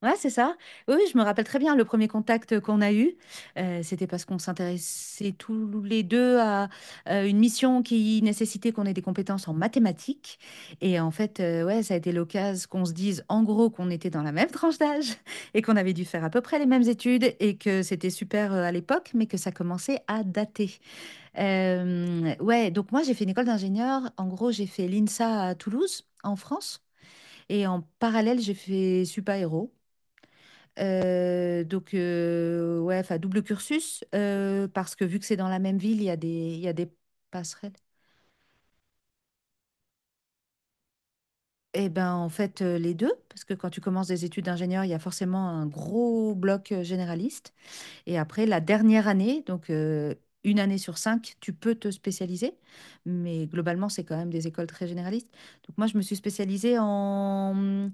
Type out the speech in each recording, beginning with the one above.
Ouais, c'est ça. Oui, oui, je me rappelle très bien le premier contact qu'on a eu. C'était parce qu'on s'intéressait tous les deux à une mission qui nécessitait qu'on ait des compétences en mathématiques. Et en fait, ouais, ça a été l'occasion qu'on se dise en gros qu'on était dans la même tranche d'âge et qu'on avait dû faire à peu près les mêmes études et que c'était super à l'époque, mais que ça commençait à dater. Ouais, donc moi, j'ai fait une école d'ingénieur. En gros, j'ai fait l'INSA à Toulouse, en France. Et en parallèle, j'ai fait Supaéro. Ouais, enfin, double cursus, parce que vu que c'est dans la même ville, il y a des passerelles. Eh ben, en fait, les deux, parce que quand tu commences des études d'ingénieur, il y a forcément un gros bloc généraliste. Et après, la dernière année, donc une année sur 5, tu peux te spécialiser. Mais globalement, c'est quand même des écoles très généralistes. Donc, moi, je me suis spécialisée en.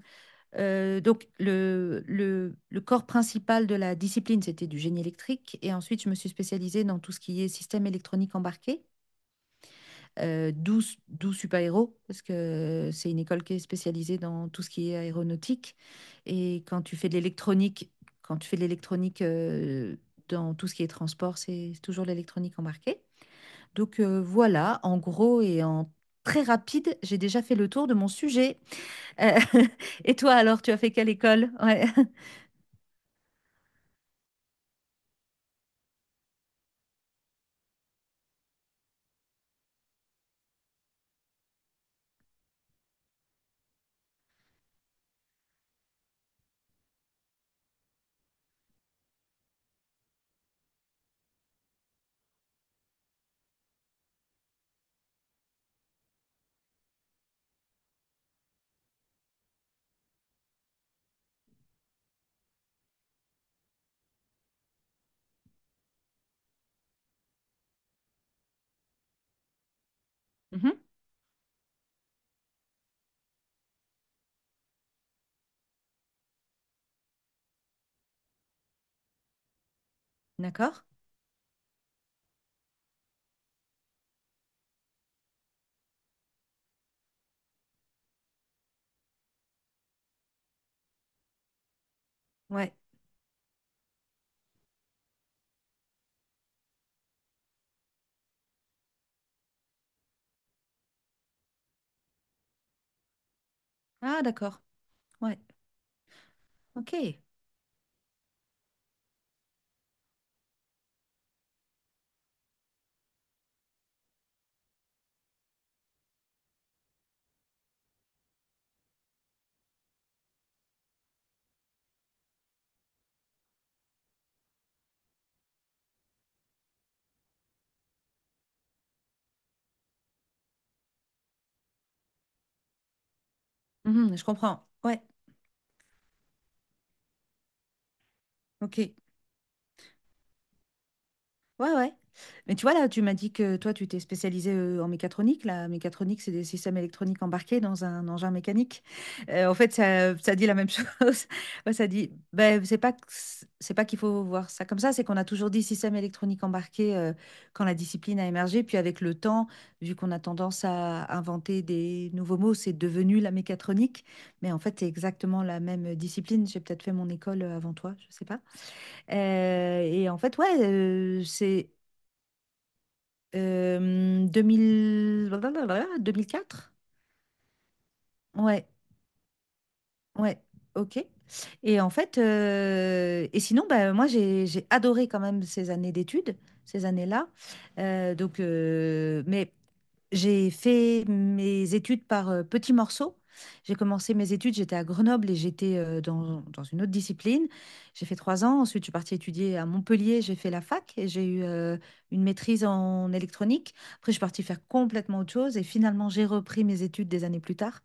Le, le corps principal de la discipline, c'était du génie électrique. Et ensuite, je me suis spécialisée dans tout ce qui est système électronique embarqué, euh, d'où, d'où super parce que c'est une école qui est spécialisée dans tout ce qui est aéronautique. Et quand tu fais de l'électronique, quand tu fais de l'électronique euh, dans tout ce qui est transport, c'est toujours l'électronique embarquée. Donc, voilà, en gros et en très rapide, j'ai déjà fait le tour de mon sujet. Euh, et toi, alors, tu as fait quelle école? Ouais. Mhm. D'accord. Ouais. Ah, d'accord. Ouais. OK. Mhm, je comprends. Ouais. OK. Ouais, ouais. Mais tu vois, là, tu m'as dit que toi, tu t'es spécialisé en mécatronique. La mécatronique, c'est des systèmes électroniques embarqués dans un engin mécanique. En fait, ça dit la même chose. Ouais, ça dit, ben, c'est pas, que c'est pas qu'il faut voir ça comme ça, c'est qu'on a toujours dit système électronique embarqué quand la discipline a émergé. Puis avec le temps, vu qu'on a tendance à inventer des nouveaux mots, c'est devenu la mécatronique. Mais en fait, c'est exactement la même discipline. J'ai peut-être fait mon école avant toi, je sais pas. Et en fait, ouais, c'est 2000... blablabla, 2004? Ouais, ouais, ok. Et en fait, et sinon, bah, moi, j'ai adoré quand même ces années d'études, ces années-là. Mais j'ai fait mes études par petits morceaux. J'ai commencé mes études, j'étais à Grenoble et j'étais dans, dans une autre discipline. J'ai fait 3 ans, ensuite je suis partie étudier à Montpellier, j'ai fait la fac et j'ai eu une maîtrise en électronique. Après, je suis partie faire complètement autre chose et finalement j'ai repris mes études des années plus tard,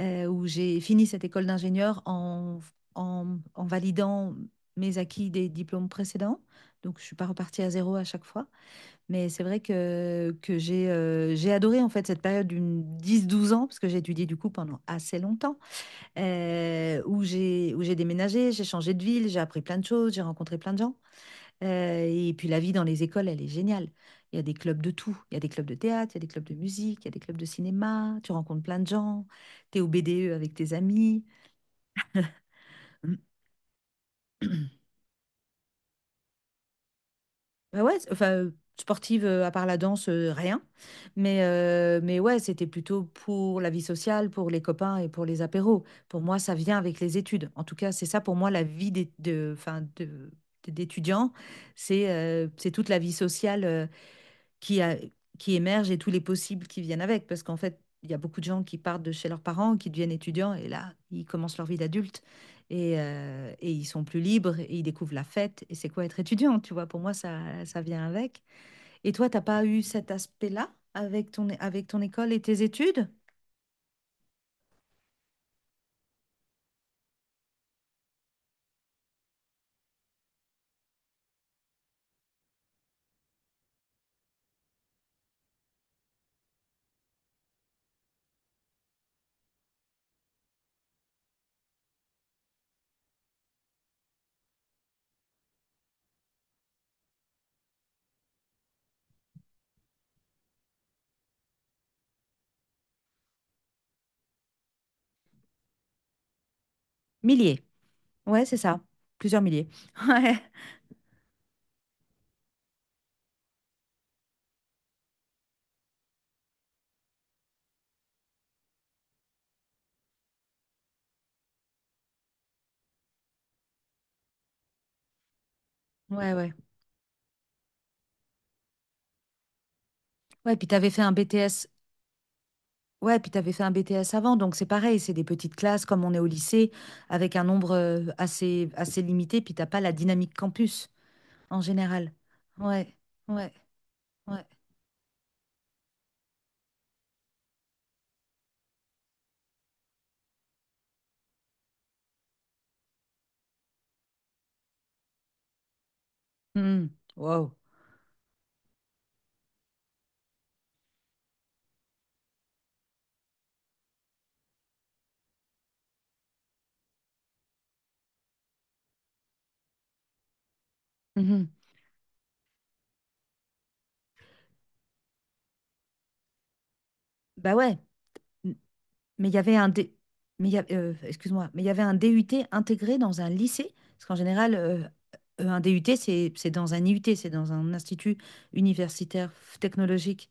où j'ai fini cette école d'ingénieur en, en validant mes acquis des diplômes précédents. Donc je ne suis pas repartie à zéro à chaque fois. Mais c'est vrai que, j'ai adoré en fait cette période d'une 10-12 ans, parce que j'ai étudié du coup pendant assez longtemps, où j'ai déménagé, j'ai changé de ville, j'ai appris plein de choses, j'ai rencontré plein de gens. Et puis la vie dans les écoles, elle est géniale. Il y a des clubs de tout. Il y a des clubs de théâtre, il y a des clubs de musique, il y a des clubs de cinéma, tu rencontres plein de gens, tu es au BDE avec tes amis. Bah ouais, enfin, sportive, à part la danse, rien. Mais ouais, c'était plutôt pour la vie sociale, pour les copains et pour les apéros. Pour moi, ça vient avec les études. En tout cas, c'est ça pour moi la vie d'étudiant. C'est toute la vie sociale, qui, a- qui émergent et tous les possibles qui viennent avec. Parce qu'en fait, il y a beaucoup de gens qui partent de chez leurs parents, qui deviennent étudiants, et là, ils commencent leur vie d'adulte. Et ils sont plus libres et ils découvrent la fête. Et c'est quoi être étudiant, tu vois? Pour moi, ça vient avec. Et toi, t'as pas eu cet aspect-là avec ton école et tes études? Milliers. Ouais, c'est ça. Plusieurs milliers. Ouais, ouais, ouais. Ouais, puis t'avais fait un BTS Ouais, puis tu avais fait un BTS avant, donc c'est pareil, c'est des petites classes comme on est au lycée, avec un nombre assez, assez limité, puis t'as pas la dynamique campus en général. Ouais, ouais, ouais. Mhm. Wow. Mhm. Bah ouais, M- mais il y avait un D... excuse-moi, mais il y avait un DUT intégré dans un lycée, parce qu'en général, un DUT, c'est dans un IUT, c'est dans un institut universitaire technologique.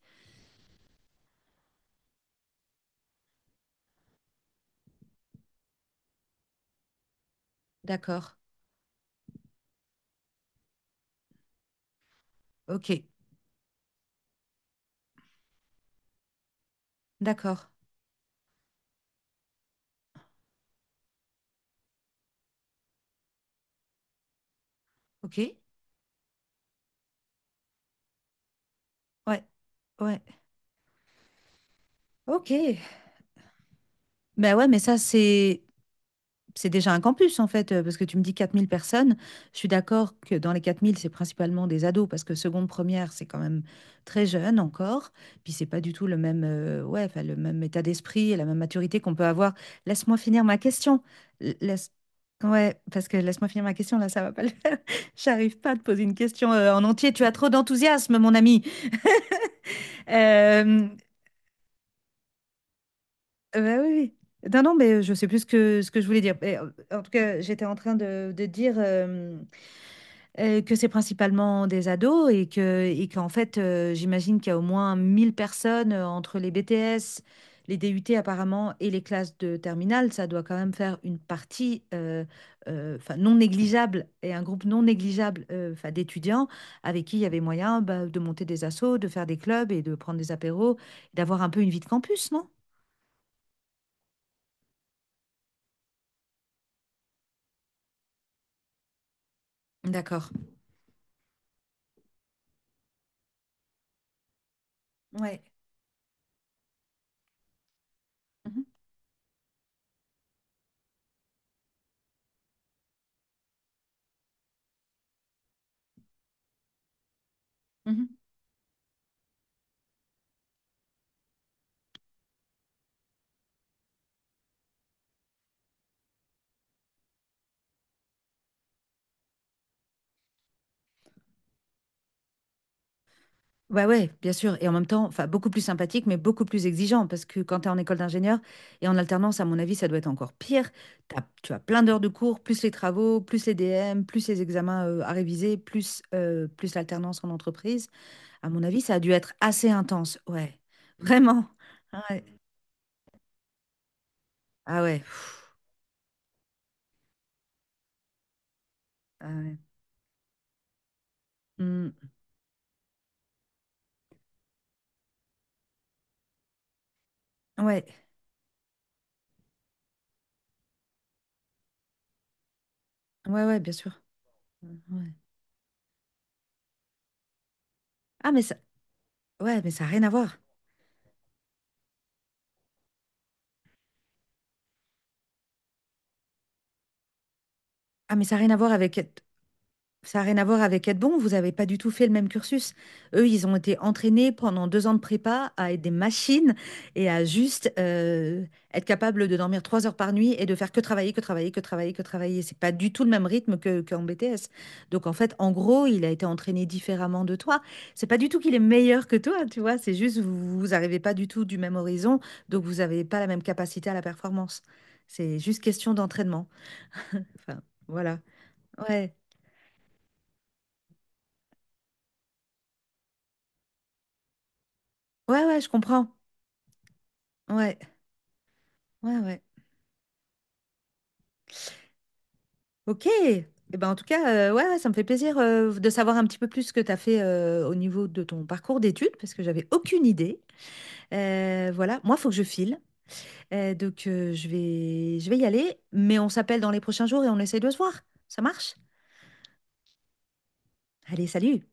D'accord. Ok. D'accord. Ok. Ouais. Ouais. Ok. Ben ouais, mais ça, c'est déjà un campus, en fait, parce que tu me dis 4 000 personnes. Je suis d'accord que dans les 4 000 c'est principalement des ados, parce que seconde, première, c'est quand même très jeune encore. Puis c'est pas du tout le même, ouais, enfin, le même état d'esprit et la même maturité qu'on peut avoir. Laisse-moi finir ma question. L- Laisse... Ouais, parce que laisse-moi finir ma question, là, ça va pas le faire. J'arrive pas à te poser une question en entier. Tu as trop d'enthousiasme, mon ami. Bah oui, oui. Non, non, mais je sais plus ce que je voulais dire. Mais, en tout cas, j'étais en train de, de dire que c'est principalement des ados et qu'en fait, j'imagine qu'il y a au moins 1 000 personnes entre les BTS, les DUT apparemment et les classes de terminale. Ça doit quand même faire une partie 'fin, non négligeable et un groupe non négligeable 'fin, d'étudiants avec qui il y avait moyen bah, de monter des assos, de faire des clubs et de prendre des apéros, d'avoir un peu une vie de campus, non? D'accord. Ouais. Mhm, mhm. Ouais, ouais, bien sûr. Et en même temps, enfin, beaucoup plus sympathique, mais beaucoup plus exigeant. Parce que quand tu es en école d'ingénieur et en alternance, à mon avis, ça doit être encore pire. Tu as plein d'heures de cours, plus les travaux, plus les DM, plus les examens à réviser, plus l'alternance en entreprise. À mon avis, ça a dû être assez intense. Ouais, vraiment. Ah ouais. Ah ouais. Pff, ah ouais. Hmm. Ouais, ouais, ouais, bien sûr. Mmh, ouais. Ah, mais ça, ouais, mais ça n'a rien à voir. Ah, mais ça n'a rien à voir avec. Ça n'a rien à voir avec être bon, vous n'avez pas du tout fait le même cursus. Eux, ils ont été entraînés pendant 2 ans de prépa à être des machines et à juste être capable de dormir 3 heures par nuit et de faire que travailler, que travailler, que travailler, que travailler. C'est pas du tout le même rythme qu'en BTS. Donc en fait, en gros, il a été entraîné différemment de toi. C'est pas du tout qu'il est meilleur que toi, tu vois. C'est juste vous, vous arrivez pas du tout du même horizon, donc vous n'avez pas la même capacité à la performance. C'est juste question d'entraînement. Enfin, voilà. Ouais, ouais, ouais, je comprends. Ouais. Ouais, ouais. Ok. Eh ben, en tout cas, ouais, ouais, ça me fait plaisir de savoir un petit peu plus ce que tu as fait au niveau de ton parcours d'études, parce que j'avais aucune idée. Voilà, moi, il faut que je file. Je vais, je vais y aller, mais on s'appelle dans les prochains jours et on essaye de se voir. Ça marche? Allez, salut!